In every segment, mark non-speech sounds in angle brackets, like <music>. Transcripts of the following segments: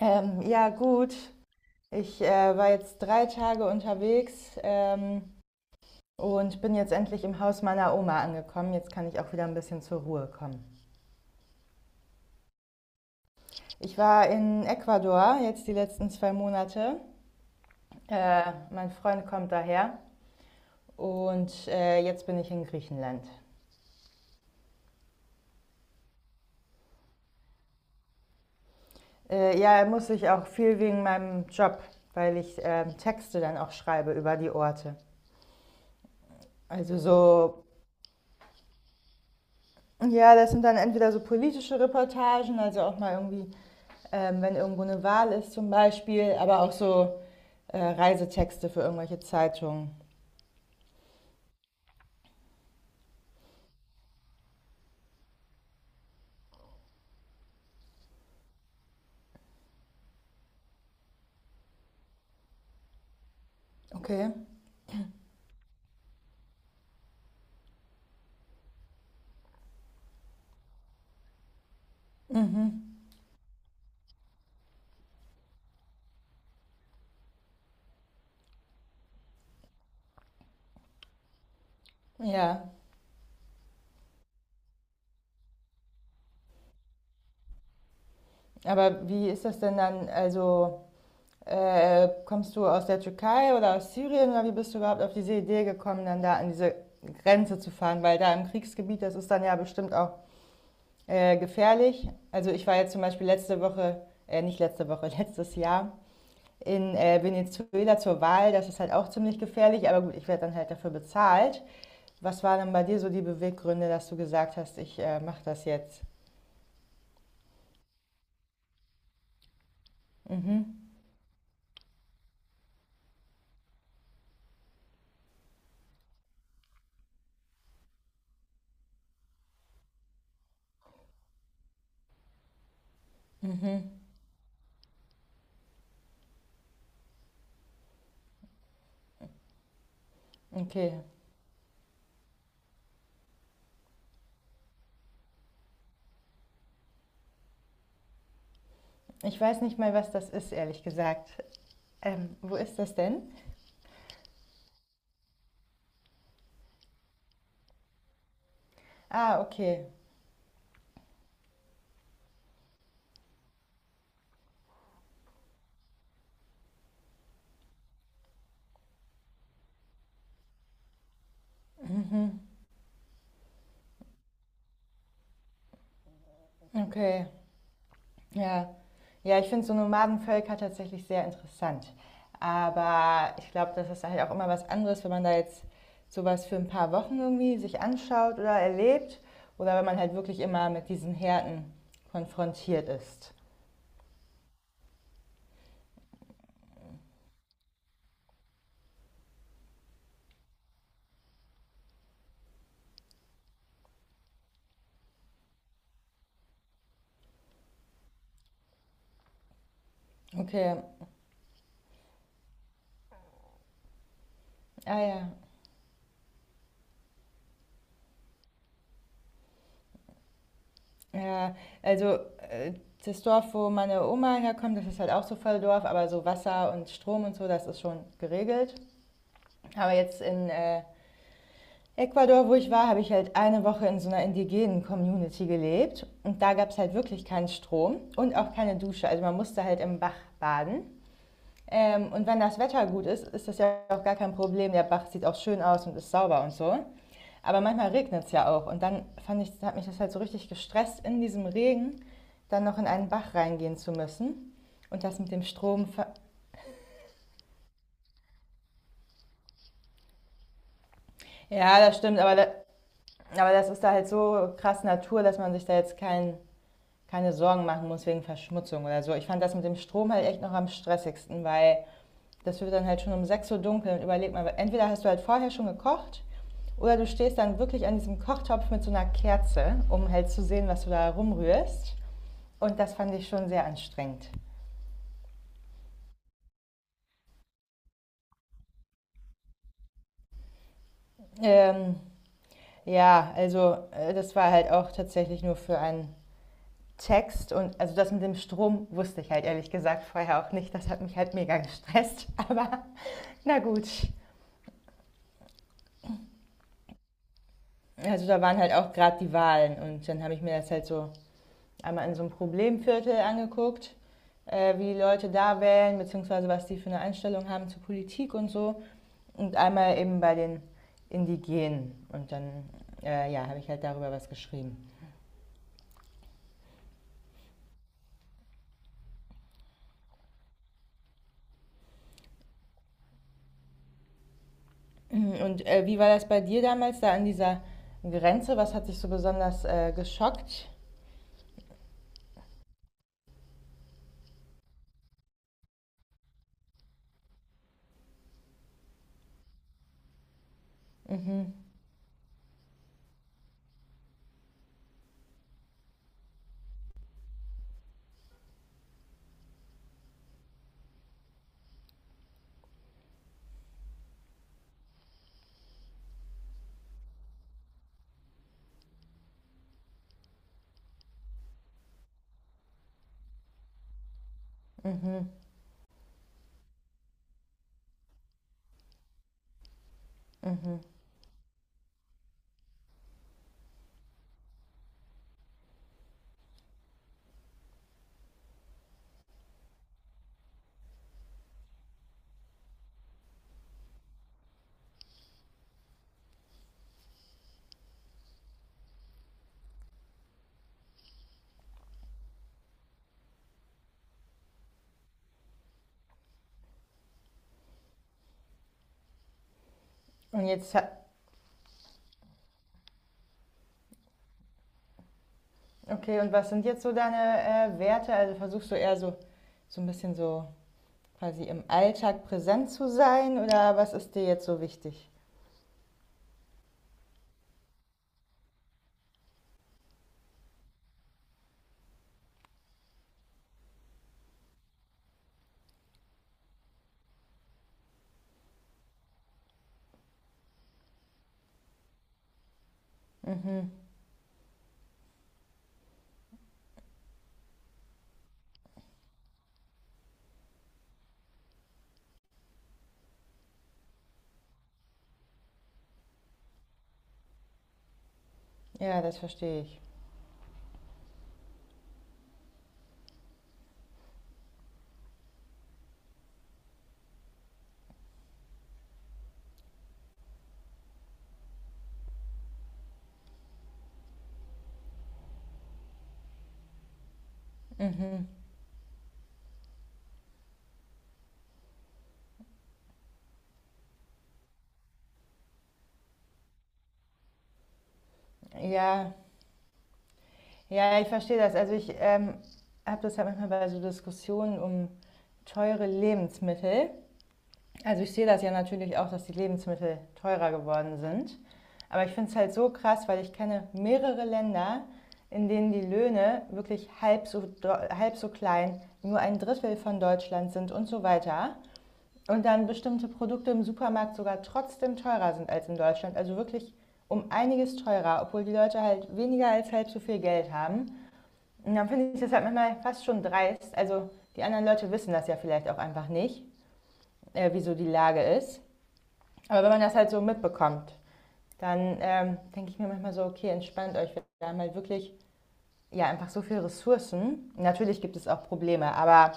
Ja, gut. Ich war jetzt 3 Tage unterwegs und bin jetzt endlich im Haus meiner Oma angekommen. Jetzt kann ich auch wieder ein bisschen zur Ruhe kommen. Ich war in Ecuador jetzt die letzten 2 Monate. Äh, Mein Freund kommt daher und jetzt bin ich in Griechenland. Ja, muss ich auch viel wegen meinem Job, weil ich Texte dann auch schreibe über die Orte. Also so, ja, das sind dann entweder so politische Reportagen, also auch mal irgendwie wenn irgendwo eine Wahl ist zum Beispiel, aber auch so Reisetexte für irgendwelche Zeitungen. Okay. Mhm. Ja, aber wie ist das denn dann? Also kommst du aus der Türkei oder aus Syrien oder wie bist du überhaupt auf diese Idee gekommen, dann da an diese Grenze zu fahren? Weil da im Kriegsgebiet, das ist dann ja bestimmt auch gefährlich. Also ich war jetzt zum Beispiel letzte Woche, nicht letzte Woche, <laughs> letztes Jahr in Venezuela zur Wahl. Das ist halt auch ziemlich gefährlich, aber gut, ich werde dann halt dafür bezahlt. Was waren denn bei dir so die Beweggründe, dass du gesagt hast, ich mache das jetzt? Mhm, mhm, okay. Ich weiß nicht mal, was das ist, ehrlich gesagt. Wo ist das denn? Ah, okay, okay. Ja. Ja, ich finde so Nomadenvölker tatsächlich sehr interessant. Aber ich glaube, das ist halt auch immer was anderes, wenn man da jetzt sowas für ein paar Wochen irgendwie sich anschaut oder erlebt. Oder wenn man halt wirklich immer mit diesen Härten konfrontiert ist. Okay, ah ja. Ja, also äh, das Dorf, wo meine Oma herkommt, das ist halt auch so voll Dorf, aber so Wasser und Strom und so, das ist schon geregelt. Aber jetzt in Ecuador, wo ich war, habe ich halt eine Woche in so einer indigenen Community gelebt und da gab es halt wirklich keinen Strom und auch keine Dusche. Also man musste halt im Bach baden. Und wenn das Wetter gut ist, ist das ja auch gar kein Problem. Der Bach sieht auch schön aus und ist sauber und so. Aber manchmal regnet es ja auch und dann fand ich, hat mich das halt so richtig gestresst, in diesem Regen dann noch in einen Bach reingehen zu müssen. Und das mit dem Strom. Ja, das stimmt, aber das ist da halt so krass Natur, dass man sich da jetzt keine Sorgen machen muss wegen Verschmutzung oder so. Ich fand das mit dem Strom halt echt noch am stressigsten, weil das wird dann halt schon um 6 Uhr dunkel und überleg mal, entweder hast du halt vorher schon gekocht oder du stehst dann wirklich an diesem Kochtopf mit so einer Kerze, um halt zu sehen, was du da rumrührst. Und das fand ich schon sehr anstrengend. Ähm, ja, also das war halt auch tatsächlich nur für einen Text und also das mit dem Strom wusste ich halt ehrlich gesagt vorher auch nicht. Das hat mich halt mega gestresst, <laughs> aber na gut. Also da waren halt auch gerade die Wahlen und dann habe ich mir das halt so einmal in so einem Problemviertel angeguckt, wie die Leute da wählen, beziehungsweise was die für eine Einstellung haben zur Politik und so. Und einmal eben bei den Indigenen. Und dann, ja, habe ich halt darüber was geschrieben. Mhm. Und wie war das bei dir damals da an dieser Grenze? Was hat dich so besonders geschockt? Mhm, mhm, mhm. Und jetzt ha- Okay, und was sind jetzt so deine Werte? Also versuchst du eher so, ein bisschen so quasi im Alltag präsent zu sein oder was ist dir jetzt so wichtig? Mhm. Ja, das verstehe ich. Mhm. Ja, ja, ich verstehe das. Also ich habe das halt manchmal bei so Diskussionen um teure Lebensmittel. Also ich sehe das ja natürlich auch, dass die Lebensmittel teurer geworden sind. Aber ich finde es halt so krass, weil ich kenne mehrere Länder, in denen die Löhne wirklich halb so klein, nur ein Drittel von Deutschland sind und so weiter. Und dann bestimmte Produkte im Supermarkt sogar trotzdem teurer sind als in Deutschland. Also wirklich um einiges teurer, obwohl die Leute halt weniger als halb so viel Geld haben. Und dann finde ich das halt manchmal fast schon dreist. Also die anderen Leute wissen das ja vielleicht auch einfach nicht, wieso die Lage ist. Aber wenn man das halt so mitbekommt, dann denke ich mir manchmal so, okay, entspannt euch. Wir haben halt wirklich ja einfach so viele Ressourcen. Natürlich gibt es auch Probleme, aber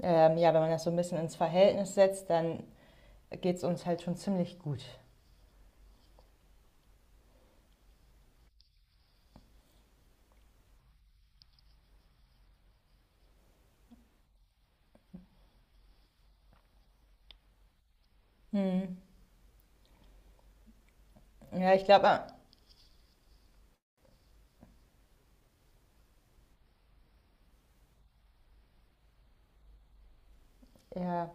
ja, wenn man das so ein bisschen ins Verhältnis setzt, dann geht es uns halt schon ziemlich gut. Hm. Ja, ich glaube, ja.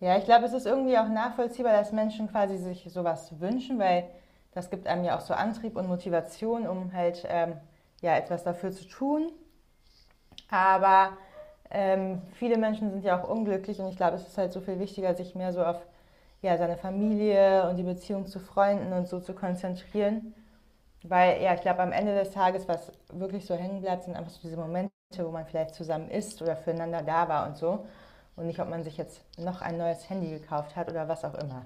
Ja, ich glaube, es ist irgendwie auch nachvollziehbar, dass Menschen quasi sich sowas wünschen, weil das gibt einem ja auch so Antrieb und Motivation, um halt ja etwas dafür zu tun. Aber viele Menschen sind ja auch unglücklich und ich glaube, es ist halt so viel wichtiger, sich mehr so auf ja, seine Familie und die Beziehung zu Freunden und so zu konzentrieren. Weil ja, ich glaube, am Ende des Tages, was wirklich so hängen bleibt, sind einfach so diese Momente, wo man vielleicht zusammen ist oder füreinander da war und so. Und nicht, ob man sich jetzt noch ein neues Handy gekauft hat oder was auch immer.